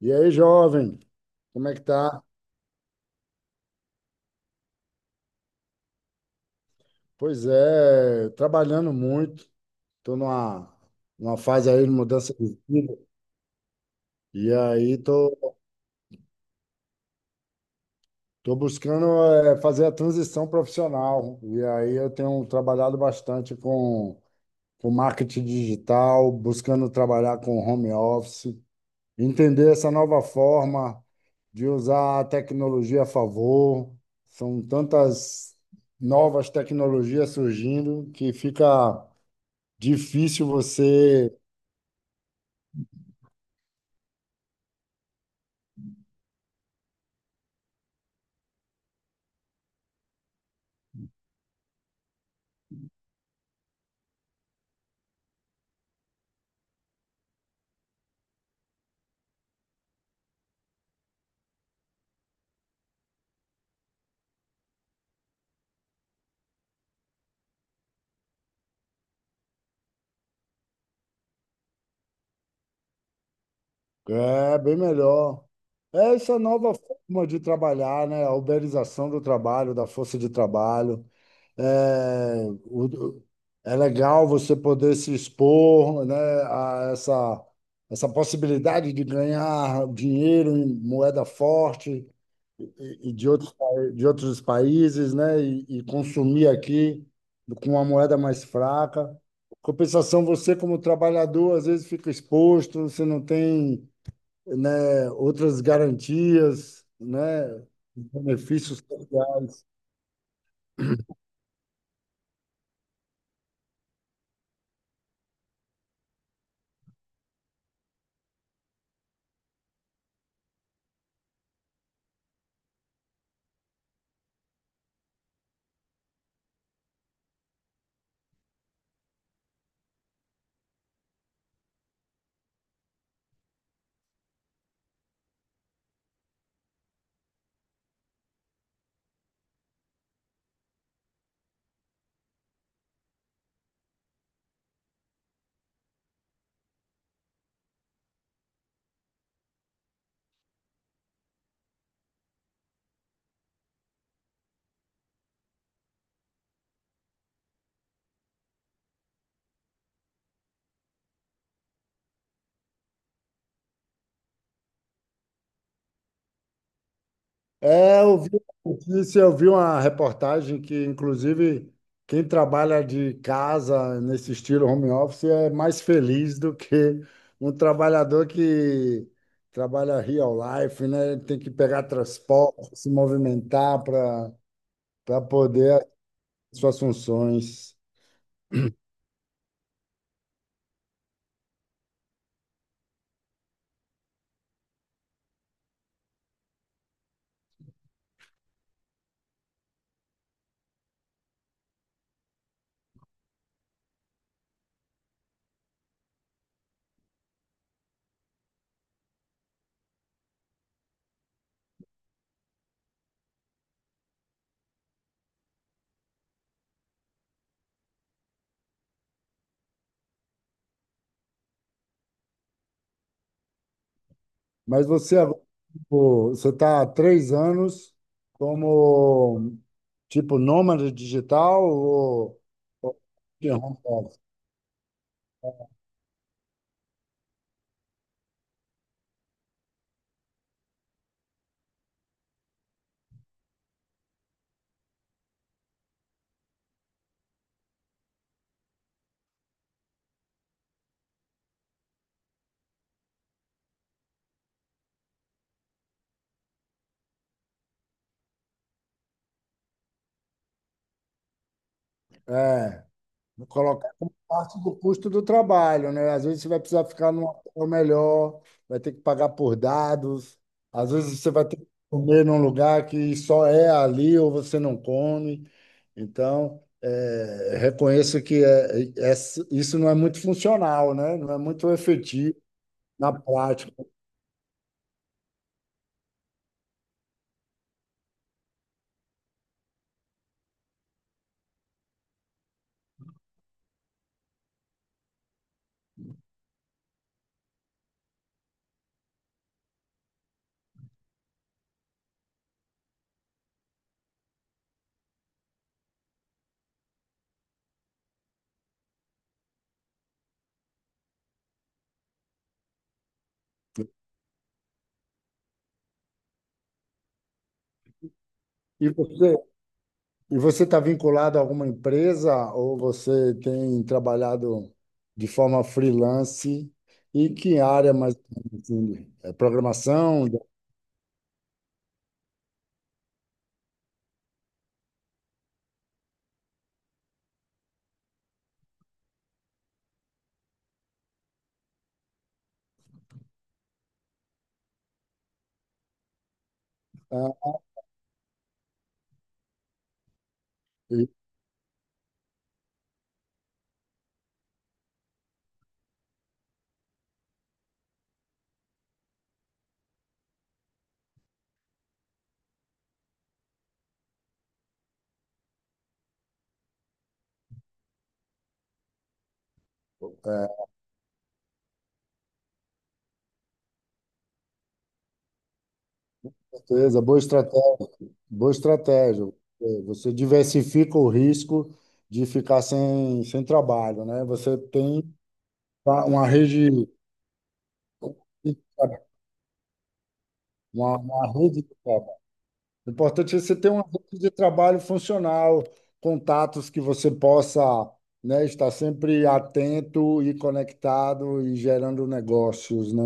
E aí, jovem, como é que tá? Pois é, trabalhando muito, tô numa fase aí de mudança de vida, e aí tô buscando fazer a transição profissional, e aí eu tenho trabalhado bastante com marketing digital, buscando trabalhar com home office, entender essa nova forma de usar a tecnologia a favor, são tantas novas tecnologias surgindo que fica difícil você. É, bem melhor. É essa nova forma de trabalhar, né? A uberização do trabalho, da força de trabalho. É, o- É legal você poder se expor, né, a essa possibilidade de ganhar dinheiro em moeda forte, e de de outros países, né? E consumir aqui com uma moeda mais fraca. Compensação, você como trabalhador, às vezes fica exposto, você não tem, né, outras garantias, né? Benefícios. É, eu vi uma notícia, eu vi uma reportagem que, inclusive, quem trabalha de casa nesse estilo home office é mais feliz do que um trabalhador que trabalha real life, né? Tem que pegar transporte, se movimentar para poder as suas funções. Mas você agora, pô, você está há três anos como tipo nômade digital ou de home office? É. Colocar como parte do custo do trabalho, né? Às vezes você vai precisar ficar num hotel melhor, vai ter que pagar por dados, às vezes você vai ter que comer num lugar que só é ali ou você não come. Então, é, reconheço que é, isso não é muito funcional, né? Não é muito efetivo na prática. E você E você está vinculado a alguma empresa ou você tem trabalhado de forma freelance? E que área mais ou menos, assim, é programação? Né? E, é, beleza, boa estratégia, boa estratégia. É, você diversifica o risco de ficar sem trabalho, né? Você tem uma uma rede. O importante é você ter uma rede de trabalho funcional, contatos que você possa, né, estar sempre atento e conectado e gerando negócios, né?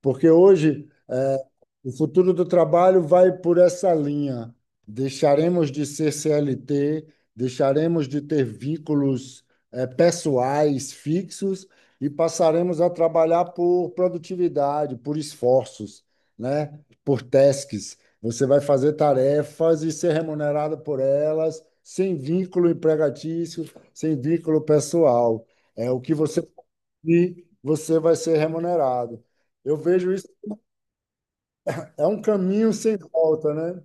Porque hoje, eh, o futuro do trabalho vai por essa linha. Deixaremos de ser CLT, deixaremos de ter vínculos, pessoais fixos e passaremos a trabalhar por produtividade, por esforços, né? Por tasks. Você vai fazer tarefas e ser remunerado por elas, sem vínculo empregatício, sem vínculo pessoal. É o que você cumprir, você vai ser remunerado. Eu vejo isso, é um caminho sem volta, né?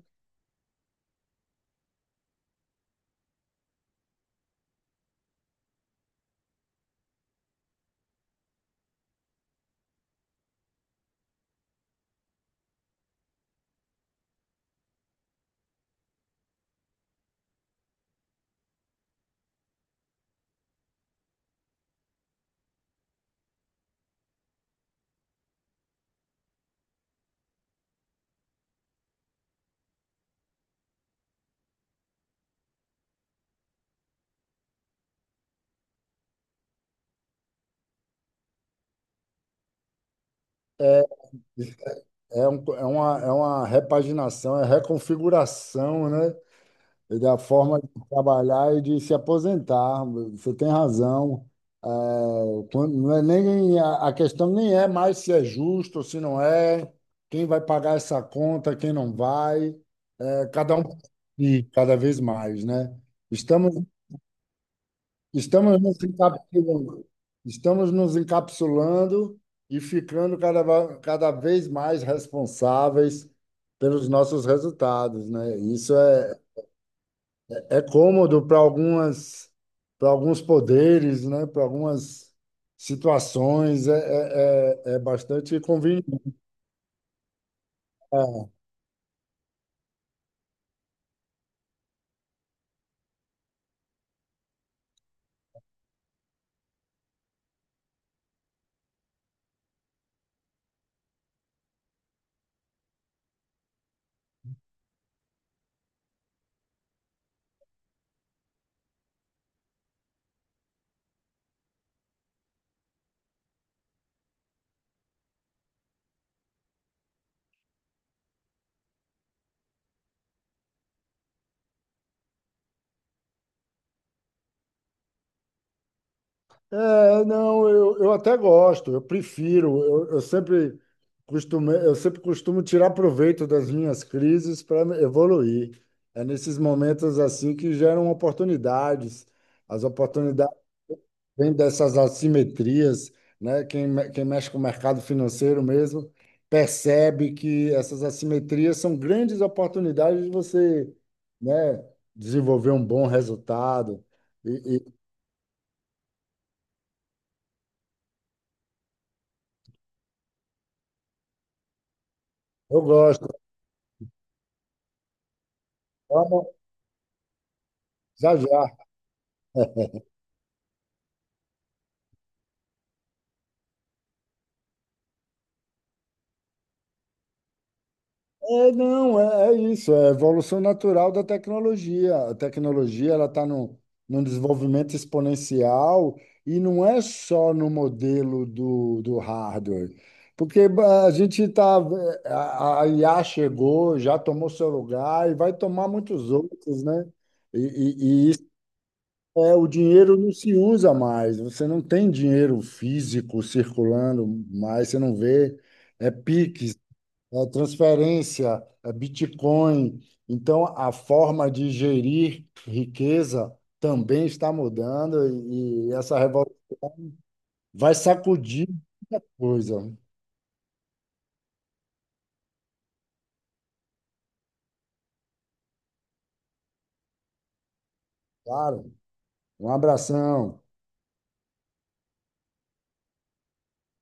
É, é uma repaginação, é reconfiguração, né? E da forma de trabalhar e de se aposentar. Você tem razão. É, não é nem a questão nem é mais se é justo ou se não é, quem vai pagar essa conta, quem não vai, é, cada um e cada vez mais, né? Estamos Estamos nos encapsulando, estamos nos encapsulando e ficando cada vez mais responsáveis pelos nossos resultados, né? Isso é, é cômodo para para alguns poderes, né? Para algumas situações, é bastante conveniente. É, não, eu até gosto, eu prefiro, eu sempre eu sempre costumo tirar proveito das minhas crises para evoluir. É nesses momentos assim que geram oportunidades. As oportunidades. Vem dessas assimetrias, né? Quem mexe com o mercado financeiro mesmo percebe que essas assimetrias são grandes oportunidades de você, né, desenvolver um bom resultado. E eu gosto. Vamos, já já. É, não, é, é isso, é a evolução natural da tecnologia. A tecnologia ela está num desenvolvimento exponencial e não é só no modelo do, do hardware, porque ba, a IA chegou, já tomou seu lugar e vai tomar muitos outros, né? Isso é, o dinheiro não se usa mais, você não tem dinheiro físico circulando mais, você não vê, é Pix, é, transferência, é, Bitcoin. Então, a forma de gerir riqueza também está mudando e essa revolução vai sacudir coisa. Claro, um abração.